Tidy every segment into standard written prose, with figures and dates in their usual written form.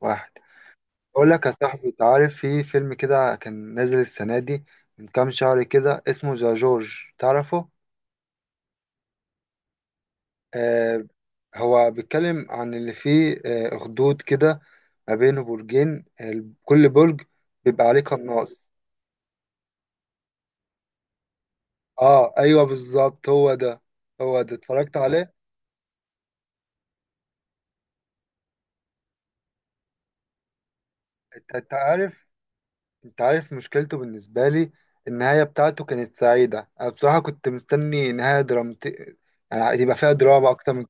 واحد، اقول لك يا صاحبي، انت عارف في فيلم كده كان نازل السنه دي من كام شهر كده اسمه ذا جورج؟ تعرفه؟ آه هو بيتكلم عن اللي فيه اخدود كده ما بينه برجين، كل برج بيبقى عليه قناص. اه ايوه بالظبط، هو ده. هو ده، اتفرجت عليه. انت عارف، انت عارف مشكلته بالنسبه لي؟ النهايه بتاعته كانت سعيده، انا بصراحه كنت مستني نهايه درامتي، يعني يبقى فيها دراما اكتر من...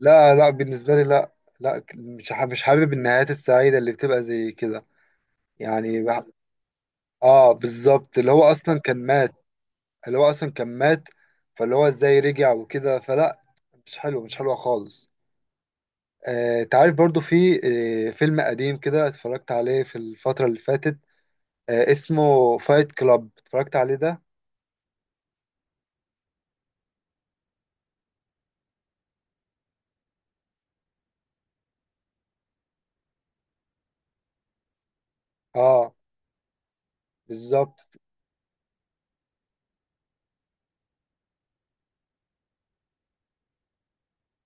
لا لا، بالنسبة لي لا. لا، مش حابب النهايات السعيدة اللي بتبقى زي كده. يعني بح- اه بالظبط، اللي هو اصلا كان مات. اللي هو اصلا كان مات، فاللي هو ازاي رجع وكده؟ فلا، مش حلو، مش حلوة خالص. آه، انت عارف برضو في آه فيلم قديم كده اتفرجت عليه في الفترة اللي فاتت، آه اسمه فايت كلاب. اتفرجت عليه ده؟ اه بالظبط.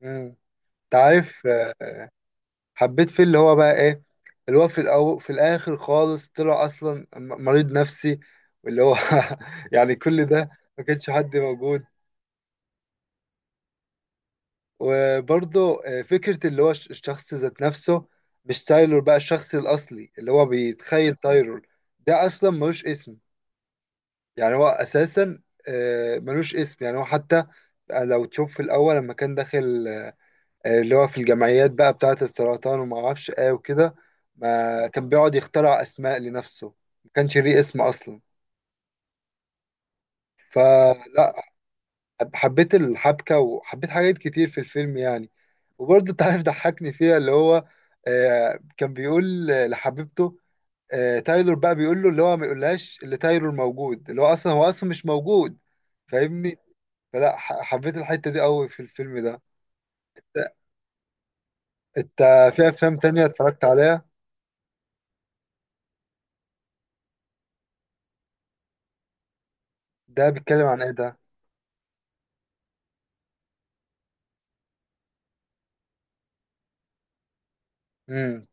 امم، انت عارف حبيت فيه اللي هو بقى ايه؟ اللي هو في في الاخر خالص طلع اصلا مريض نفسي. واللي هو يعني كل ده. ما كانش حد موجود. وبرضه فكرة اللي هو الشخص ذات نفسه، مش تايلور بقى، الشخص الأصلي اللي هو بيتخيل تايلور، ده أصلا ملوش اسم. يعني هو أساسا ملوش اسم، يعني هو حتى لو تشوف في الأول لما كان داخل، اللي هو في الجمعيات بقى بتاعة السرطان وما اعرفش ايه وكده، ما كان بيقعد يخترع اسماء لنفسه، ما كانش ليه اسم اصلا. فلا، حبيت الحبكة وحبيت حاجات كتير في الفيلم يعني. وبرضه انت عارف ضحكني فيها اللي هو كان بيقول لحبيبته، تايلور بقى بيقول له اللي هو ما يقولهاش اللي تايلور موجود، اللي هو اصلا هو اصلا مش موجود، فاهمني؟ فلا، حبيت الحتة دي قوي في الفيلم ده. انت، في افلام تانية اتفرجت عليها. ده بيتكلم عن ايه ده؟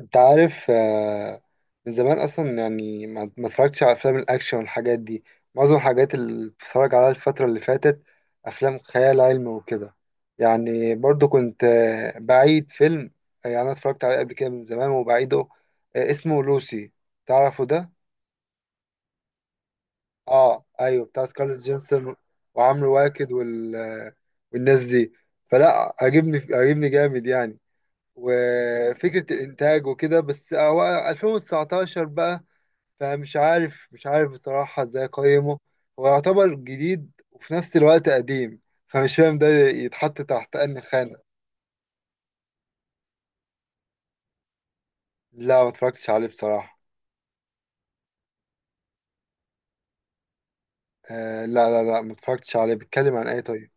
انت عارف، من زمان اصلا يعني ما اتفرجتش على افلام الاكشن والحاجات دي. معظم الحاجات اللي بتفرج عليها الفتره اللي فاتت افلام خيال علمي وكده، يعني برضو كنت بعيد فيلم يعني انا اتفرجت عليه قبل كده من زمان وبعيده، اسمه لوسي. تعرفه ده؟ اه ايوه، بتاع سكارلت جينسون وعمرو واكد والناس دي. فلا، عجبني، عجبني جامد يعني، وفكرة الإنتاج وكده. بس هو 2019 بقى، فمش عارف، مش عارف بصراحة إزاي أقيمه. هو يعتبر جديد وفي نفس الوقت قديم، فمش فاهم ده يتحط تحت أنهي خانة. لا، ما اتفرجتش عليه بصراحة. آه لا لا لا، ما اتفرجتش عليه. بيتكلم عن إيه طيب؟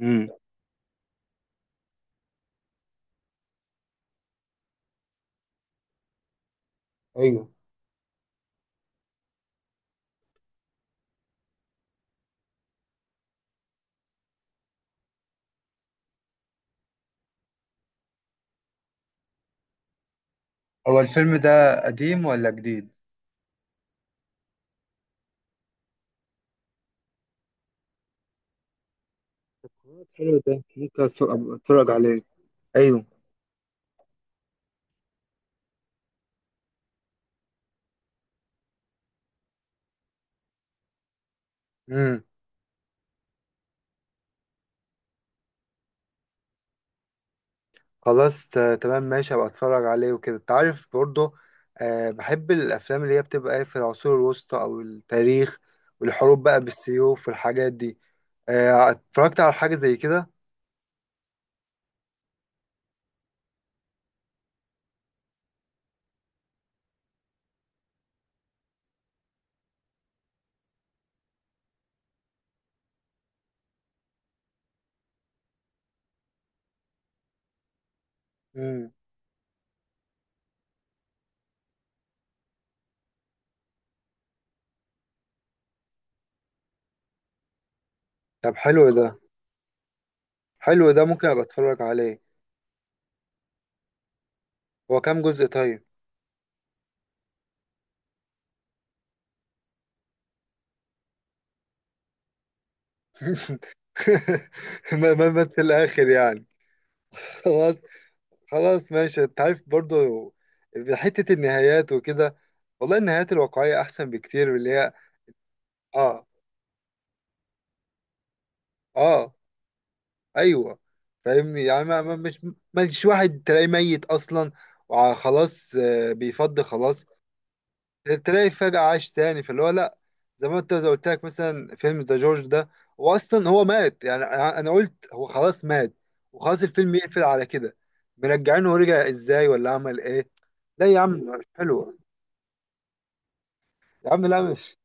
امم. ايوه. هو الفيلم ده قديم ولا جديد؟ حلو ده، ممكن أتفرج، أتفرج عليه. أيوه. خلاص، تمام ماشي، هبقى اتفرج عليه وكده. انت عارف برضه، آه بحب الافلام اللي هي بتبقى ايه في العصور الوسطى او التاريخ، والحروب بقى بالسيوف والحاجات دي. آه اتفرجت على حاجة زي كده. امم. طب حلو ده، حلو ده، ممكن ابقى اتفرج عليه. هو كام جزء طيب؟ ما في الاخر يعني. خلاص، خلاص ماشي. انت عارف برضه، حتة النهايات وكده، والله النهايات الواقعية احسن بكتير من اللي هي... اه. اه. ايوه فاهمني، يعني مش، مش واحد تلاقيه ميت اصلا وخلاص، بيفض خلاص، تلاقي فجأة عاش تاني. فاللي هو لا، زي ما انت زي قلت لك مثلا فيلم ذا جورج ده، هو اصلا هو مات يعني، انا قلت هو خلاص مات وخلاص الفيلم يقفل على كده. مرجعينه، ورجع ازاي ولا عمل ايه؟ لا يا عم، مش حلو. يا عم لا، مش،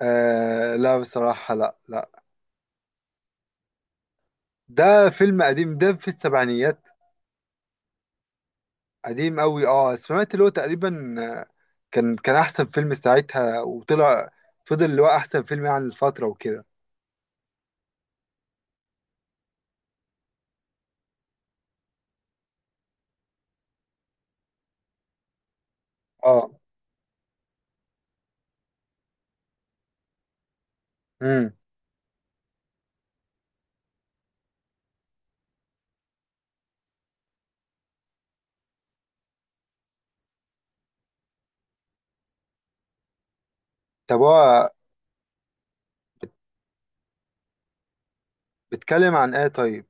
آه لا بصراحة لا لا. ده فيلم قديم، ده في السبعينيات. قديم قوي. اه سمعت اللي هو تقريبا كان احسن فيلم ساعتها، وطلع فضل اللي هو احسن فيلم يعني الفتره وكده. اه. امم. طب هو بيتكلم عن ايه طيب؟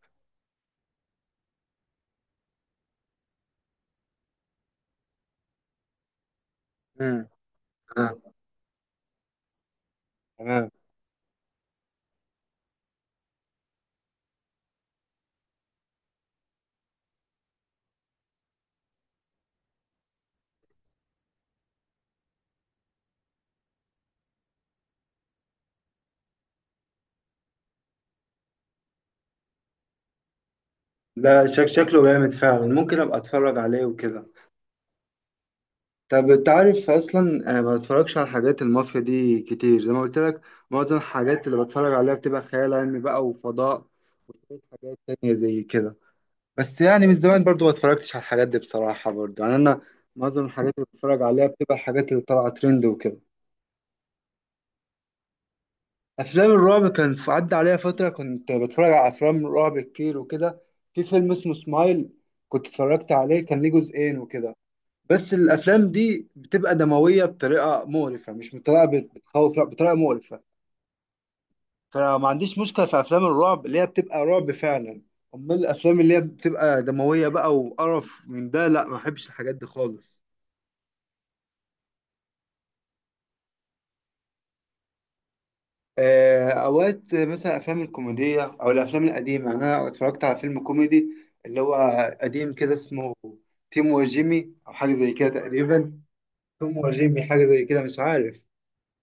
امم. آه. تمام. لا شكله جامد فعلا، ممكن ابقى اتفرج عليه وكده. طب انت عارف اصلا، ما بتفرجش على حاجات المافيا دي كتير زي ما قلت لك، معظم الحاجات اللي بتفرج عليها بتبقى خيال علمي بقى وفضاء وحاجات تانية زي كده. بس يعني من زمان برضو ما اتفرجتش على الحاجات دي بصراحة برضو يعني أنا، معظم الحاجات اللي بتفرج عليها بتبقى الحاجات اللي طالعة ترند وكده. أفلام الرعب كان عدى عليها فترة كنت بتفرج على أفلام رعب كتير وكده. في فيلم اسمه سمايل كنت اتفرجت عليه، كان ليه 2 وكده. بس الأفلام دي بتبقى دموية بطريقة مقرفة، مش بطريقة بتخوف، لا بطريقة مقرفة. فما عنديش مشكلة في أفلام الرعب اللي هي بتبقى رعب فعلا، أمال الأفلام اللي هي بتبقى دموية بقى وقرف من ده لا، ما بحبش الحاجات دي خالص. اوقات مثلا افلام الكوميديه او الافلام القديمه، انا اتفرجت على فيلم كوميدي اللي هو قديم كده اسمه تيم وجيمي او حاجه زي كده تقريبا، توم وجيمي حاجه زي كده مش عارف،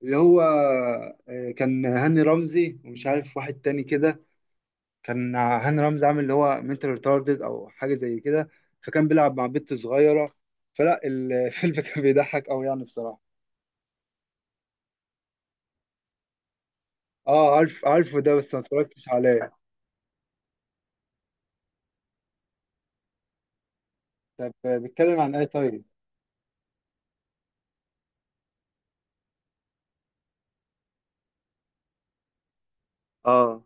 اللي هو كان هاني رمزي ومش عارف واحد تاني كده. كان هاني رمزي عامل اللي هو منتال ريتاردد او حاجه زي كده، فكان بيلعب مع بنت صغيره. فلا الفيلم كان بيضحك قوي يعني بصراحه. اه عارف، عارفه ده بس ما اتفرجتش عليه. طب بيتكلم عن ايه طيب؟ اه.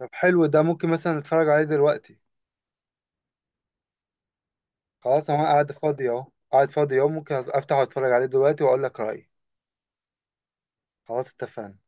طب حلو ده، ممكن مثلا اتفرج عليه دلوقتي. خلاص انا قاعد فاضي اهو، قاعد فاضي اهو، ممكن افتح واتفرج عليه دلوقتي واقول لك رأيي. خلاص اتفقنا.